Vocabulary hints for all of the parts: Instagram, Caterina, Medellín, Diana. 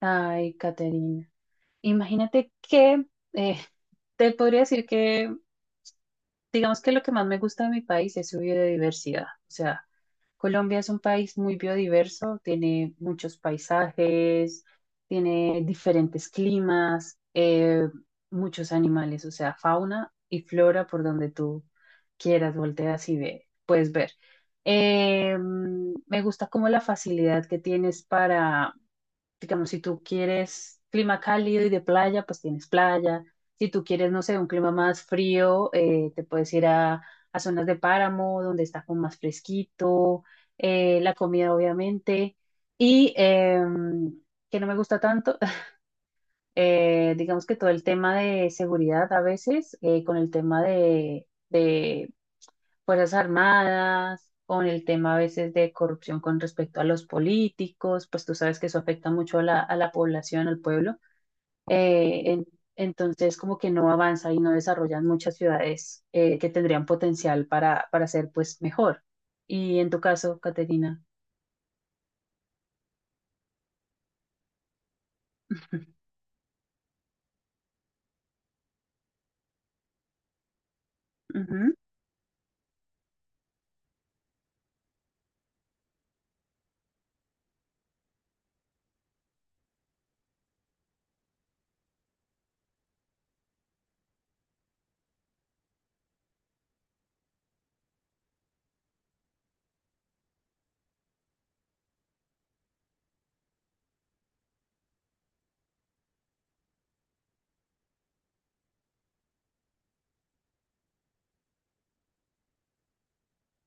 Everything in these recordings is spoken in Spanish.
Ay, Caterina, imagínate que eh, te podría decir que, digamos que lo que más me gusta de mi país es su biodiversidad. O sea, Colombia es un país muy biodiverso, tiene muchos paisajes, tiene diferentes climas, muchos animales, o sea, fauna y flora por donde tú quieras, volteas y ve, puedes ver. Me gusta como la facilidad que tienes digamos, si tú quieres clima cálido y de playa, pues tienes playa. Si tú quieres, no sé, un clima más frío, te puedes ir a zonas de páramo, donde está como más fresquito, la comida obviamente. Y que no me gusta tanto, digamos que todo el tema de seguridad a veces, con el tema de Fuerzas Armadas, con el tema a veces de corrupción con respecto a los políticos, pues tú sabes que eso afecta mucho a a la población, al pueblo. Eh, en- entonces, como que no avanza y no desarrollan muchas ciudades que tendrían potencial para ser pues mejor. Y en tu caso, Caterina. Ujú.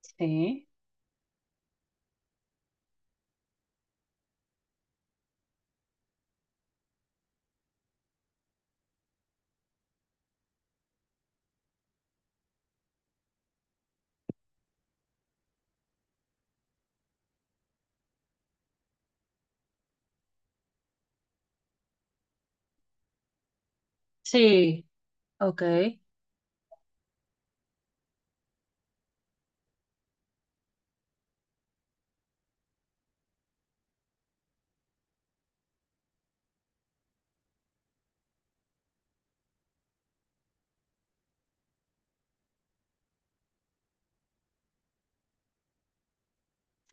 Sí, sí, ok,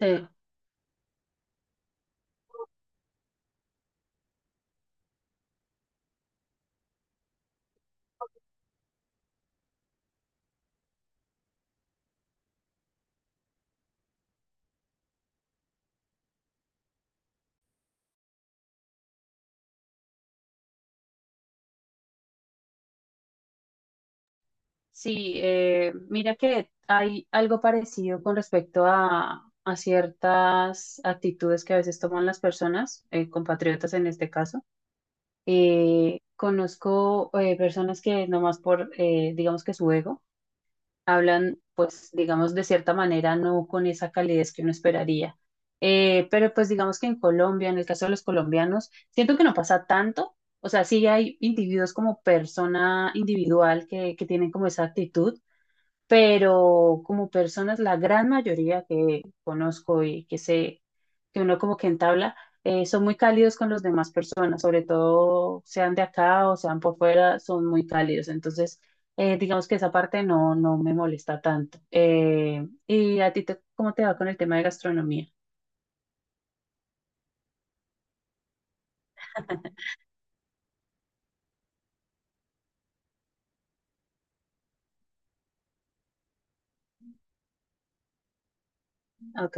sí. Sí, mira que hay algo parecido con respecto a ciertas actitudes que a veces toman las personas, compatriotas en este caso. Conozco personas que nomás por, digamos que su ego, hablan, pues, digamos, de cierta manera, no con esa calidez que uno esperaría. Pero pues digamos que en Colombia, en el caso de los colombianos, siento que no pasa tanto. O sea, sí hay individuos como persona individual que tienen como esa actitud, pero como personas, la gran mayoría que conozco y que sé que uno como que entabla, son muy cálidos con las demás personas, sobre todo sean de acá o sean por fuera, son muy cálidos. Entonces, digamos que esa parte no, no me molesta tanto. ¿Y a ti te- cómo te va con el tema de gastronomía? Ok.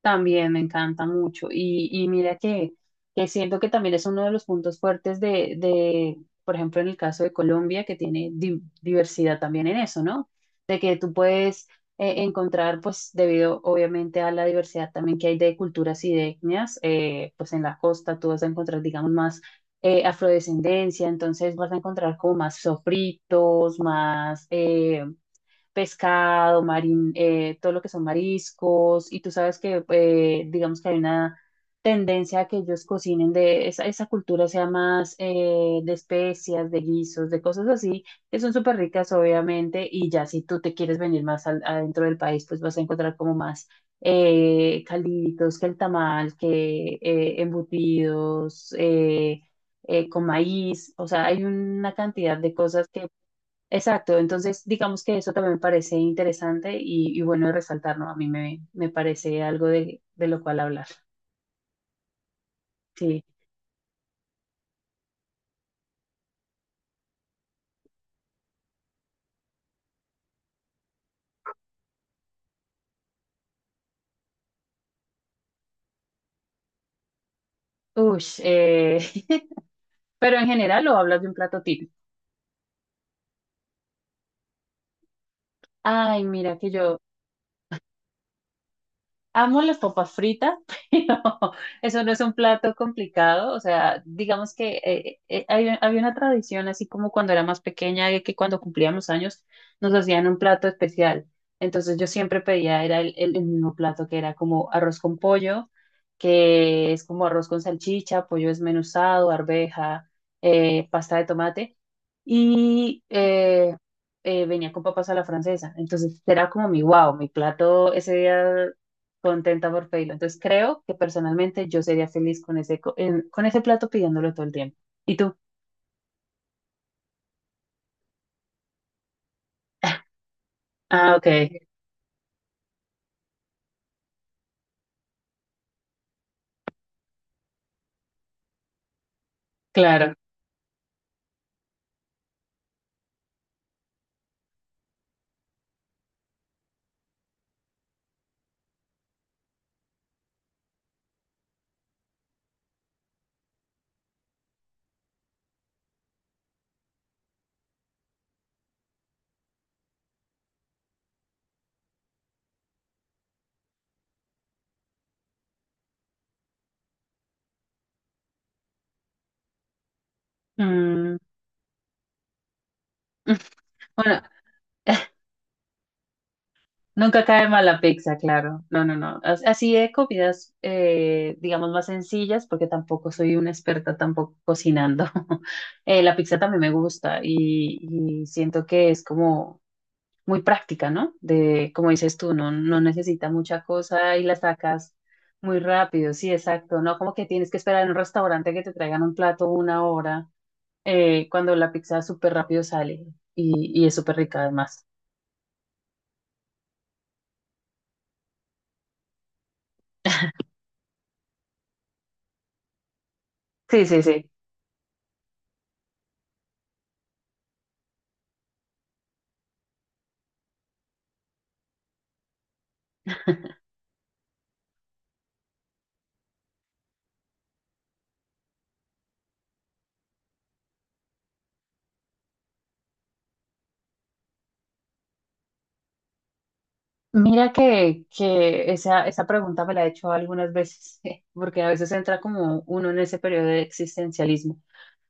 También me encanta mucho. Y mira que siento que también es uno de los puntos fuertes por ejemplo, en el caso de Colombia, que tiene di- diversidad también en eso, ¿no? De que tú puedes encontrar, pues, debido obviamente a la diversidad también que hay de culturas y de etnias, pues en la costa tú vas a encontrar, digamos, más afrodescendencia, entonces vas a encontrar como más sofritos, más... pescado, marín, todo lo que son mariscos, y tú sabes que digamos que hay una tendencia a que ellos cocinen de esa, esa cultura sea más de especias, de guisos, de cosas así, que son súper ricas obviamente, y ya si tú te quieres venir más al- adentro del país, pues vas a encontrar como más calditos, que el tamal, que embutidos, con maíz, o sea, hay una cantidad de cosas que... Exacto, entonces digamos que eso también me parece interesante y bueno de resaltar, ¿no? A mí me, me parece algo de lo cual hablar. Sí. Ush, pero en general lo hablas de un plato típico. Ay, mira que yo amo las papas fritas, pero eso no es un plato complicado. O sea, digamos que había una tradición, así como cuando era más pequeña, de que cuando cumplíamos años nos hacían un plato especial. Entonces yo siempre pedía, era el mismo plato que era como arroz con pollo, que es como arroz con salchicha, pollo desmenuzado, arveja, pasta de tomate y venía con papas a la francesa. Entonces era como mi wow, mi plato ese día contenta por pedirlo. Entonces creo que personalmente yo sería feliz con con ese plato pidiéndolo todo el tiempo. ¿Y tú? Ah, ok, claro. Mm. Bueno, nunca cae mal la pizza, claro. No, no, no. As- Así de comidas, digamos, más sencillas, porque tampoco soy una experta tampoco cocinando. La pizza también me gusta y siento que es como muy práctica, ¿no? De, como dices tú, no, no necesita mucha cosa y la sacas muy rápido, sí, exacto, no como que tienes que esperar en un restaurante que te traigan un plato una hora, cuando la pizza súper rápido sale y es súper rica además. Sí, sí, sí. Mira que esa pregunta me la he hecho algunas veces, porque a veces entra como uno en ese periodo de existencialismo.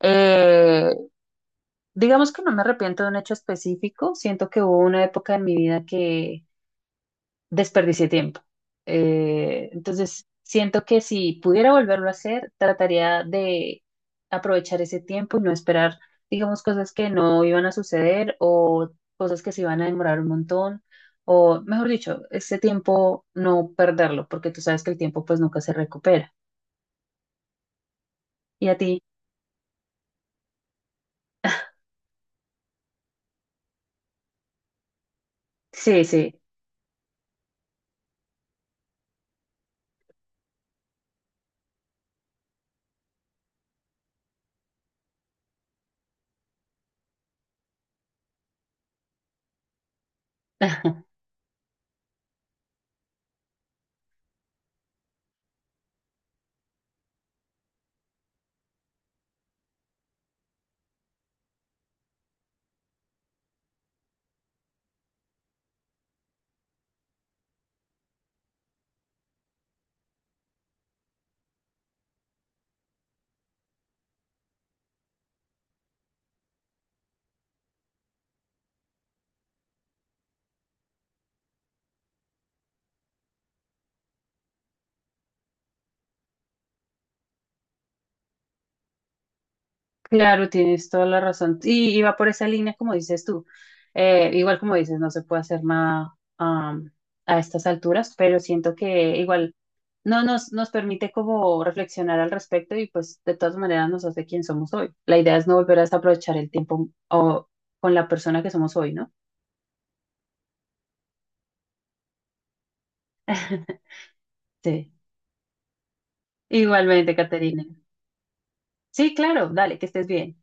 Eh, digamos que no me arrepiento de un hecho específico, siento que hubo una época en mi vida que desperdicié tiempo. Entonces, siento que si pudiera volverlo a hacer, trataría de aprovechar ese tiempo y no esperar, digamos, cosas que no iban a suceder o cosas que se iban a demorar un montón, o mejor dicho, ese tiempo no perderlo, porque tú sabes que el tiempo pues nunca se recupera. Y a ti, sí, sí. Claro, tienes toda la razón. Y va por esa línea, como dices tú. Igual como dices, no se puede hacer nada a estas alturas, pero siento que igual no nos, nos permite como reflexionar al respecto y pues de todas maneras nos hace quien somos hoy. La idea es no volver a desaprovechar el tiempo o, con la persona que somos hoy, ¿no? Sí. Igualmente, Caterina. Sí, claro, dale, que estés bien.